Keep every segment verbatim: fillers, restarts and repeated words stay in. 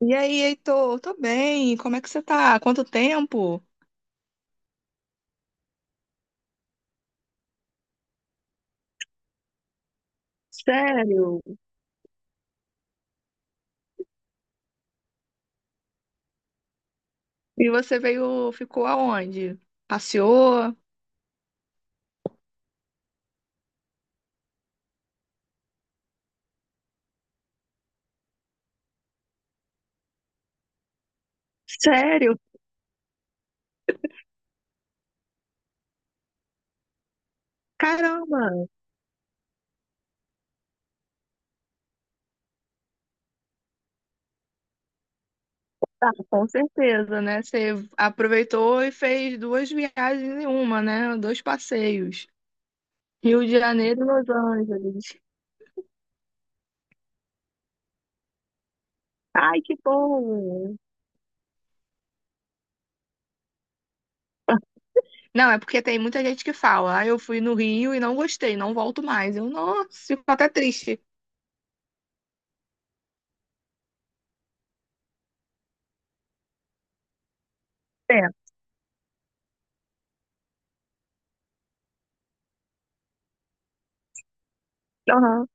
E aí, Heitor, tô bem? Como é que você tá? Quanto tempo? Sério? E você veio, ficou aonde? Passeou? Sério? Caramba! Ah, com certeza, né? Você aproveitou e fez duas viagens em uma, né? Dois passeios. Rio de Janeiro e Los Angeles. Ai, que bom! Não, é porque tem muita gente que fala, ah, eu fui no Rio e não gostei, não volto mais. Eu, nossa, fico até triste. É. Aham.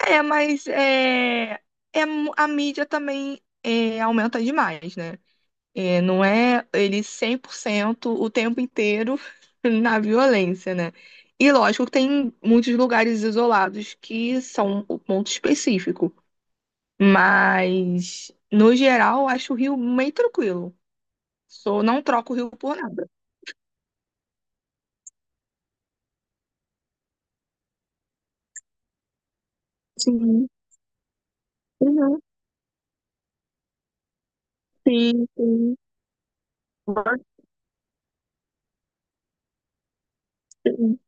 É, mas é, é, mu- a mídia também é, aumenta demais, né? É, não é ele cem por cento o tempo inteiro na violência, né? E lógico que tem muitos lugares isolados que são o ponto específico, mas no geral eu acho o Rio meio tranquilo. Sou, não troco o Rio por nada. Sim, uhum, sim, sim. Gosto, sim.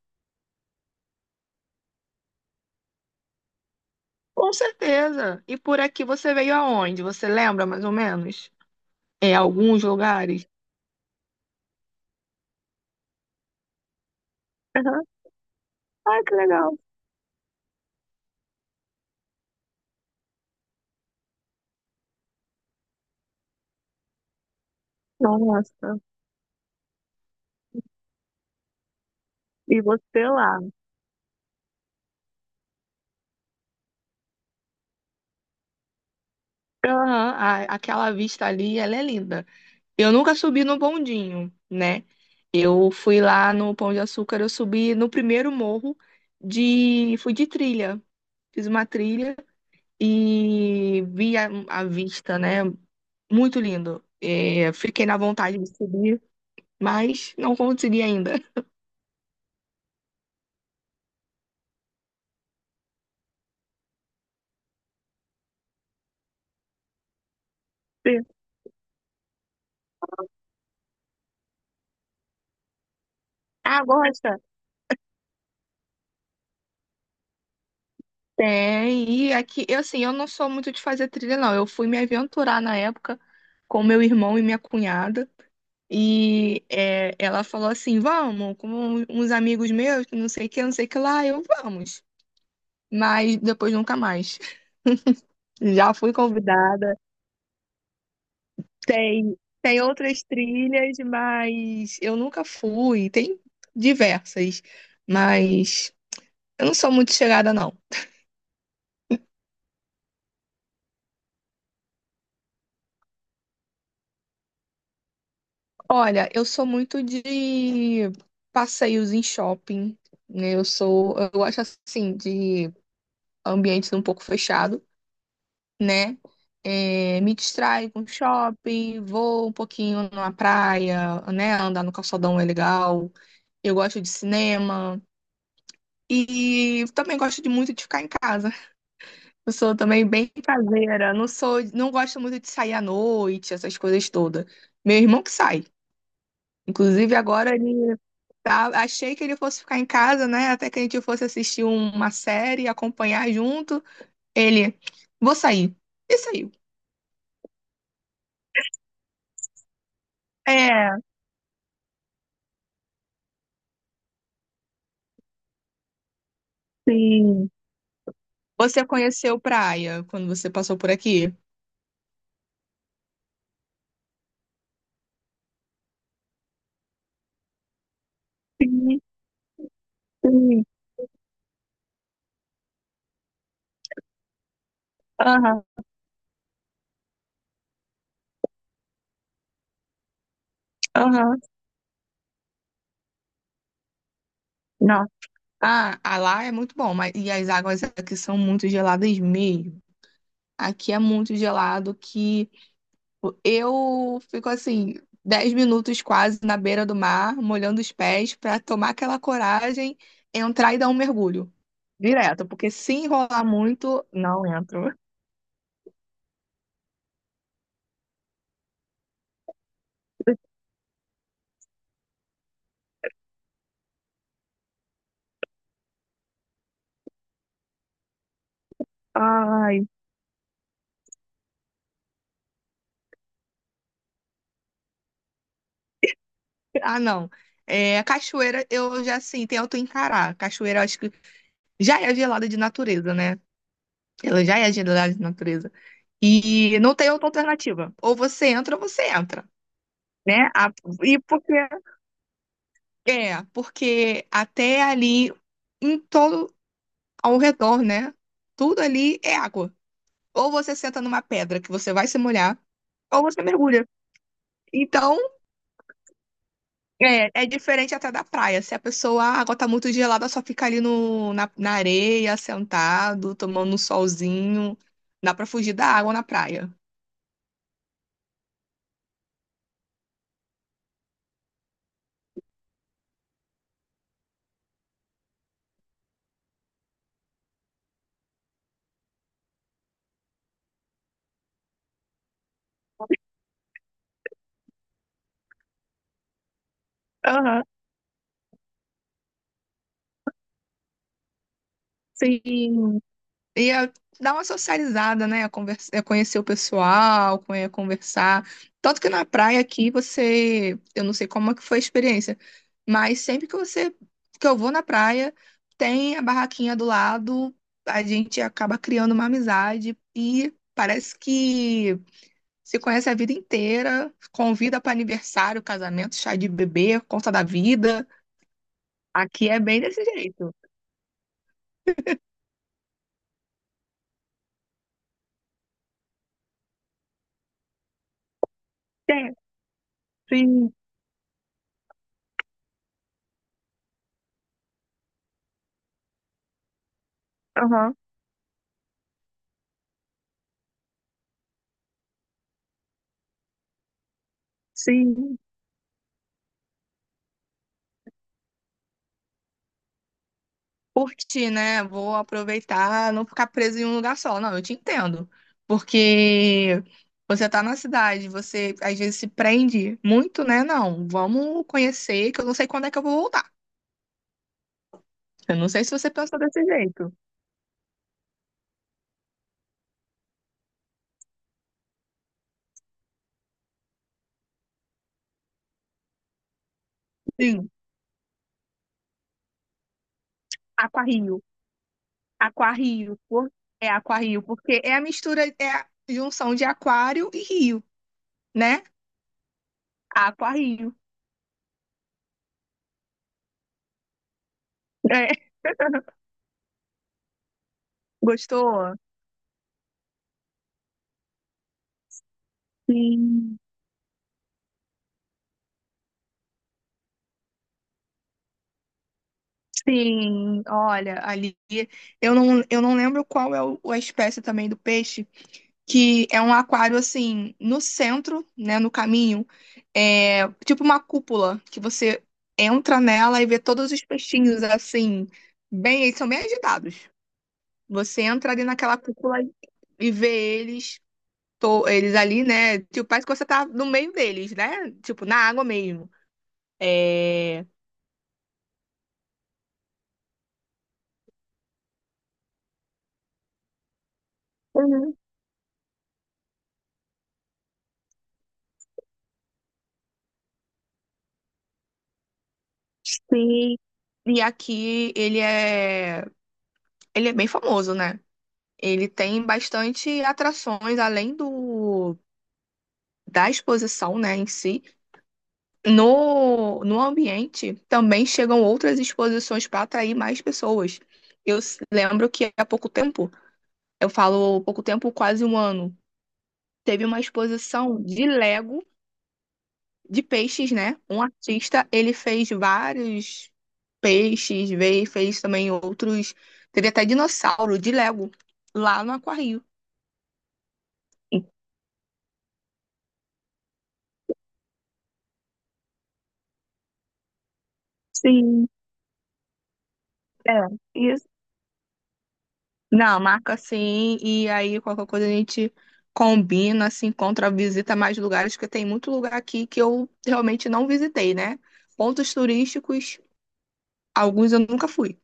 Com certeza. E por aqui você veio aonde? Você lembra mais ou menos? É, alguns lugares. Aham. Ah, que legal. Nossa. E você lá? Aham, a- aquela vista ali, ela é linda. Eu nunca subi no bondinho, né? Eu fui lá no Pão de Açúcar, eu subi no primeiro morro de, fui de trilha, fiz uma trilha e vi a, a vista, né? Muito lindo. É, fiquei na vontade de subir, mas não consegui ainda. Sim. Ah, gosta? Tem, e aqui, eu assim, eu não sou muito de fazer trilha, não. Eu fui me aventurar na época com meu irmão e minha cunhada. E é, ela falou assim: vamos, com um- uns amigos meus, que não sei o que, não sei o que lá, eu vamos. Mas depois nunca mais. Já fui convidada. Tem, tem outras trilhas, mas eu nunca fui. Tem diversas, mas eu não sou muito chegada, não. Olha, eu sou muito de passeios em shopping, né? Eu sou, eu gosto assim de ambientes um pouco fechado, né? É, me distraio com shopping, vou um pouquinho na praia, né? Andar no calçadão é legal. Eu gosto de cinema e também gosto de muito de ficar em casa. Eu sou também bem caseira, não sou, não gosto muito de sair à noite, essas coisas todas. Meu irmão que sai. Inclusive agora ele Tá, achei que ele fosse ficar em casa, né? Até que a gente fosse assistir uma série, acompanhar junto. Ele, vou sair. E saiu. É, sim, você conheceu praia quando você passou por aqui? Sim, sim. Aham, aham. Nossa, ah, a lá é muito bom, mas e as águas aqui são muito geladas mesmo. Aqui é muito gelado que Eu fico assim, dez minutos quase na beira do mar, molhando os pés, para tomar aquela coragem, entrar e dar um mergulho. Direto, porque se enrolar muito, não entro. Ai. Ah, não. É, a cachoeira, eu já assim, tento encarar. A cachoeira, eu acho que já é gelada de natureza, né? Ela já é gelada de natureza. E não tem outra alternativa. Ou você entra ou você entra, né? A- E porque. É, porque até ali, em todo ao redor, né? Tudo ali é água. Ou você senta numa pedra que você vai se molhar, ou você mergulha. Então, é, é diferente até da praia. Se a pessoa, ah, a água tá muito gelada, só fica ali no, na, na areia, sentado, tomando um solzinho. Dá pra fugir da água na praia. Aham, sim. ia dar uma socializada, né? Ia convers- ia conhecer o pessoal, con- ia conversar. Tanto que na praia aqui você, eu não sei como é que foi a experiência, mas sempre que você que eu vou na praia, tem a barraquinha do lado, a gente acaba criando uma amizade e parece que se conhece a vida inteira, convida para aniversário, casamento, chá de bebê, conta da vida. Aqui é bem desse jeito. Tem, sim, aham, sim. curtir, né? Vou aproveitar, não ficar preso em um lugar só. Não, eu te entendo. Porque você tá na cidade, você às vezes se prende muito, né? Não, vamos conhecer, que eu não sei quando é que eu vou voltar. Eu não sei se você pensa desse jeito. Sim, aquarrio, aquarrio, por... é aquarrio, porque é a mistura, é a junção de aquário e rio, né? Aquarrio. É. Gostou? Sim. Sim, olha, ali eu não, eu não lembro qual é o- a espécie também do peixe, que é um aquário assim, no centro, né, no caminho, é tipo uma cúpula, que você entra nela e vê todos os peixinhos assim, bem, eles são bem agitados. Você entra ali naquela cúpula e e vê eles, to- eles ali, né? Tipo, parece que você tá no meio deles, né? Tipo, na água mesmo. É... Uhum. Sim, e aqui ele é. Ele é bem famoso, né? Ele tem bastante atrações além do da exposição, né, em si. No, no ambiente também chegam outras exposições para atrair mais pessoas. Eu s- lembro que há pouco tempo, eu falo pouco tempo, quase um ano, teve uma exposição de Lego de peixes, né? Um artista, ele fez vários peixes, veio, fez também outros, teve até dinossauro de Lego lá no Aquário. Sim. É, isso. Não, marca assim, e aí qualquer coisa a gente combina, se encontra, visita mais lugares, porque tem muito lugar aqui que eu realmente não visitei, né? Pontos turísticos, alguns eu nunca fui.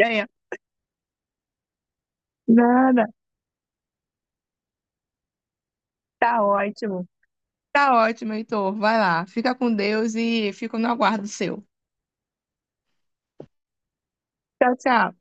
É, nada. Tá ótimo. Tá ótimo, Heitor. Vai lá. Fica com Deus e fico no aguardo seu. Tchau, tchau.